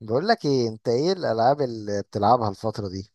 بقول لك ايه، انت ايه الالعاب اللي بتلعبها الفتره دي؟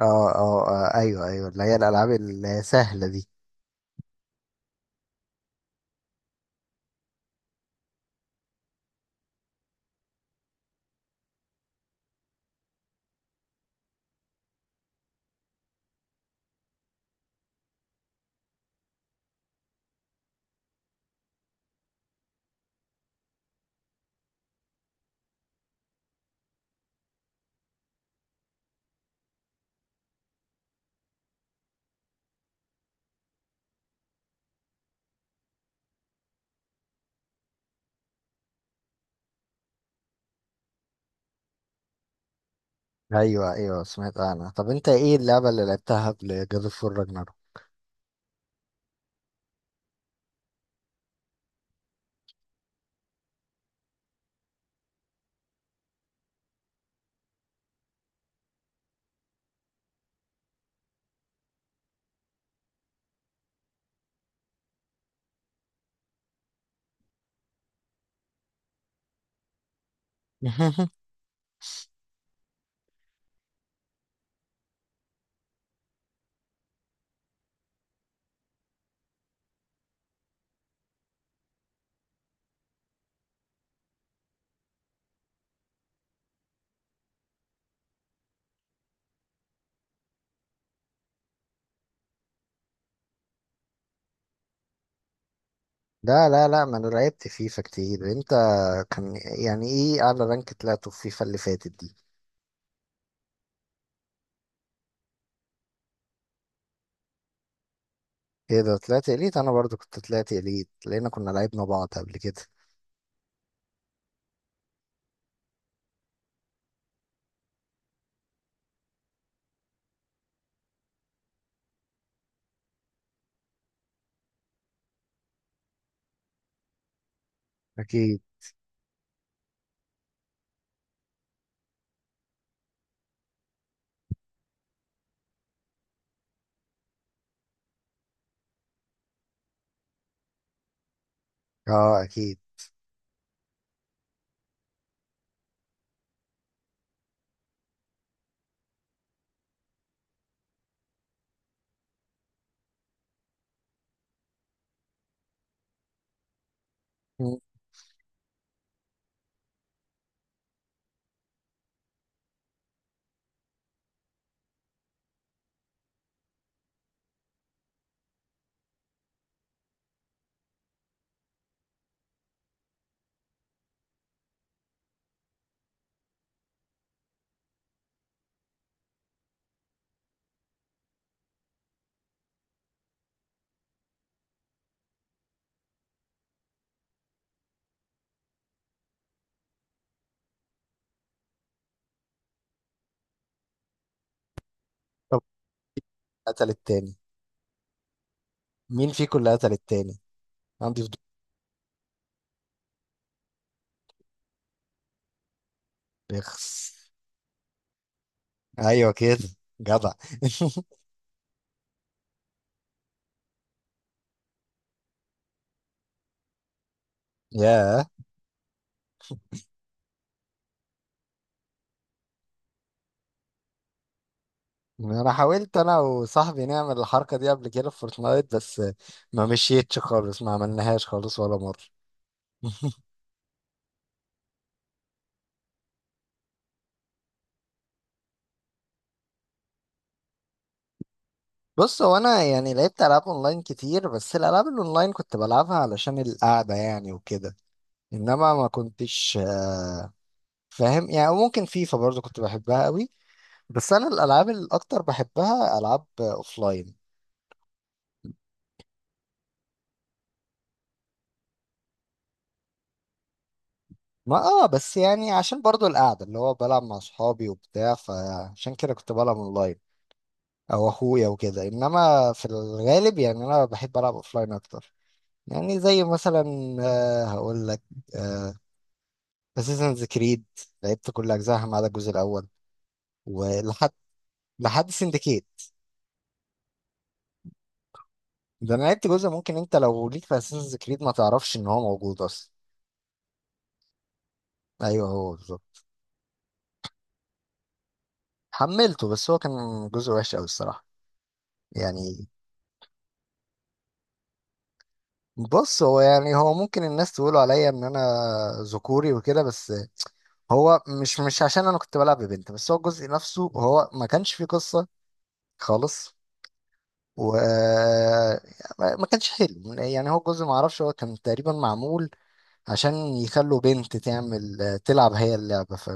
اه. اه، ايوه، ايوه، اللي هي الالعاب السهله دي. ايوه ايوه، سمعت عنها. طب انت ايه اللعبه اللي لعبتها قبل جاد اوف وور راجناروك؟ لا، ما انا لعبت فيفا كتير. انت كان يعني ايه اعلى رانك طلعته في فيفا اللي فاتت دي؟ ايه ده، طلعت اليت؟ انا برضو كنت طلعت اليت، لان كنا لعبنا بعض قبل كده. اكيد. اه اكيد. مم. طب قتل التاني مين فيكم اللي قتل التاني؟ عندي فضول. بيخس. ايوه كده. جدع. ياه. انا حاولت انا وصاحبي نعمل الحركه دي قبل كده في فورتنايت، بس ما مشيتش خالص، ما عملناهاش خالص ولا مره. بص، هو انا يعني لعبت العاب اونلاين كتير، بس الالعاب الاونلاين كنت بلعبها علشان القعده يعني وكده. انما ما كنتش فاهم يعني. ممكن فيفا برضو كنت بحبها قوي، بس انا الالعاب الاكتر بحبها العاب اوفلاين. ما اه، بس يعني عشان برضو القعدة اللي هو بلعب مع صحابي وبتاع، فعشان كده كنت بلعب اونلاين، او اخويا وكده. انما في الغالب يعني انا بحب العب اوفلاين اكتر. يعني زي مثلا، آه هقول لك، اساسنز كريد. لعبت كل اجزائها ما عدا الجزء الاول، ولحد لحد سندكيت. ده انا لعبت جزء ممكن انت لو ليك في اساسنز كريد ما تعرفش ان هو موجود اصلا. ايوه هو بالظبط. حملته، بس هو كان جزء وحش قوي الصراحة. يعني بص، هو يعني هو ممكن الناس تقولوا عليا ان انا ذكوري وكده، بس هو مش عشان انا كنت بلعب ببنت، بس هو الجزء نفسه هو ما كانش فيه قصة خالص. و ما كانش حلو يعني. هو الجزء ما اعرفش، هو كان تقريبا معمول عشان يخلوا بنت تلعب هي اللعبة، ف...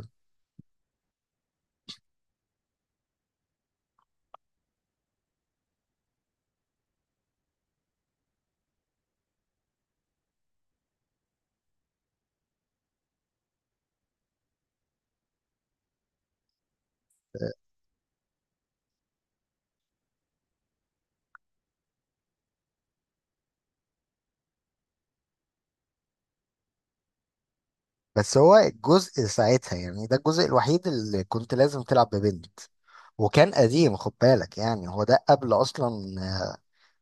بس هو الجزء ساعتها، يعني ده الجزء الوحيد اللي كنت لازم تلعب ببنت. وكان قديم خد بالك، يعني هو ده قبل اصلا،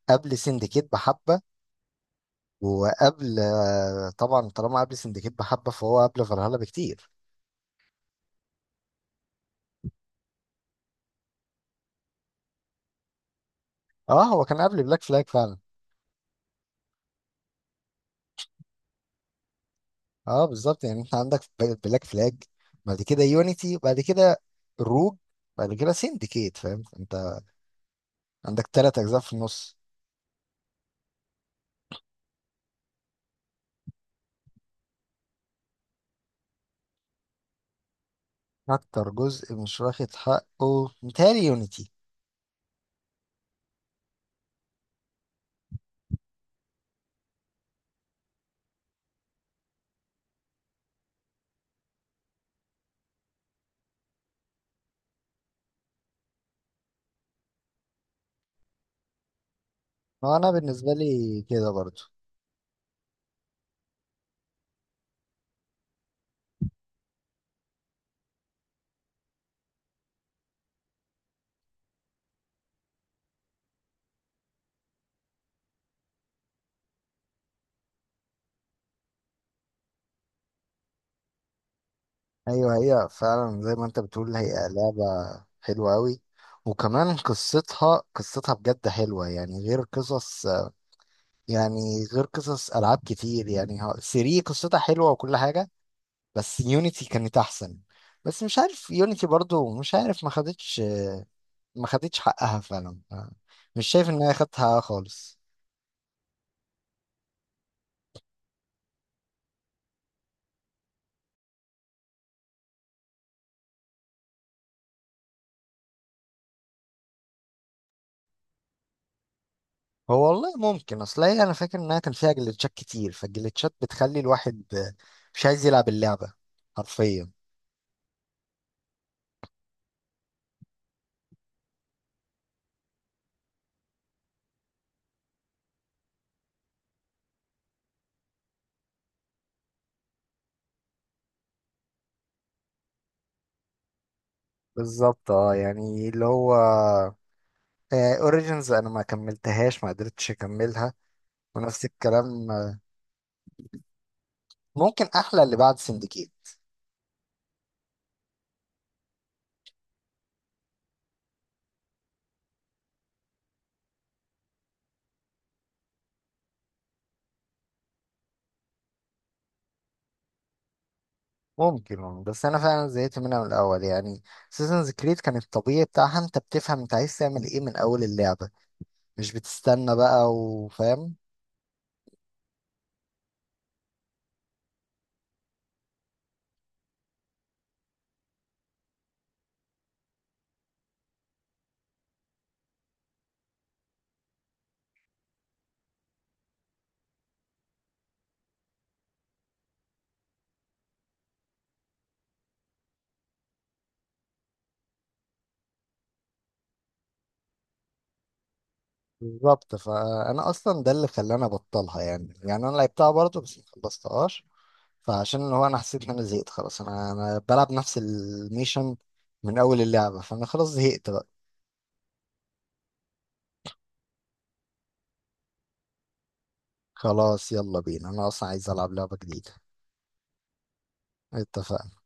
قبل سندكيت بحبة. وقبل طبعا طالما قبل سندكيت بحبه فهو قبل فالهالا بكتير. اه هو كان قبل بلاك فلاج فعلا. اه بالظبط. يعني انت عندك بلاك فلاج، بعد كده يونيتي، بعد كده روج، بعد كده سندكيت. فاهم، انت عندك تلات اجزاء في النص. اكتر جزء مش واخد حقه متهيألي يونيتي. هو انا بالنسبه لي كده برضو. ايوه هي فعلا زي ما انت بتقول، هي لعبه حلوه قوي. وكمان قصتها، بجد حلوه، يعني غير قصص ألعاب كتير. يعني ها- 3 قصتها حلوة وكل حاجة، بس يونيتي كانت أحسن. بس مش عارف، يونيتي برضو مش عارف ما خدتش، ما خدتش حقها فعلا. آه، مش شايف إن هي خدت حقها خالص. هو والله ممكن، أصل هي أنا فاكر إنها كان فيها جليتشات كتير، فالجليتشات بتخلي الواحد مش عايز يلعب اللعبة حرفيا. بالظبط. اه يعني اللي هو اوريجينز انا ما كملتهاش، ما قدرتش اكملها. ونفس الكلام آه، ممكن احلى اللي بعد سندكيت. ممكن والله، بس انا فعلا زهقت منها من الاول يعني. سيزنز كريد كان الطبيعي بتاعها انت بتفهم انت عايز تعمل ايه من اول اللعبه، مش بتستنى بقى وفاهم. بالظبط. فانا اصلا ده اللي خلاني ابطلها. يعني، يعني انا لعبتها برضه بس ما خلصتهاش. فعشان اللي هو انا حسيت ان انا زهقت خلاص، انا بلعب نفس الميشن من اول اللعبه، فانا خلاص زهقت بقى. خلاص يلا بينا، انا اصلا عايز العب لعبه جديده. اتفقنا.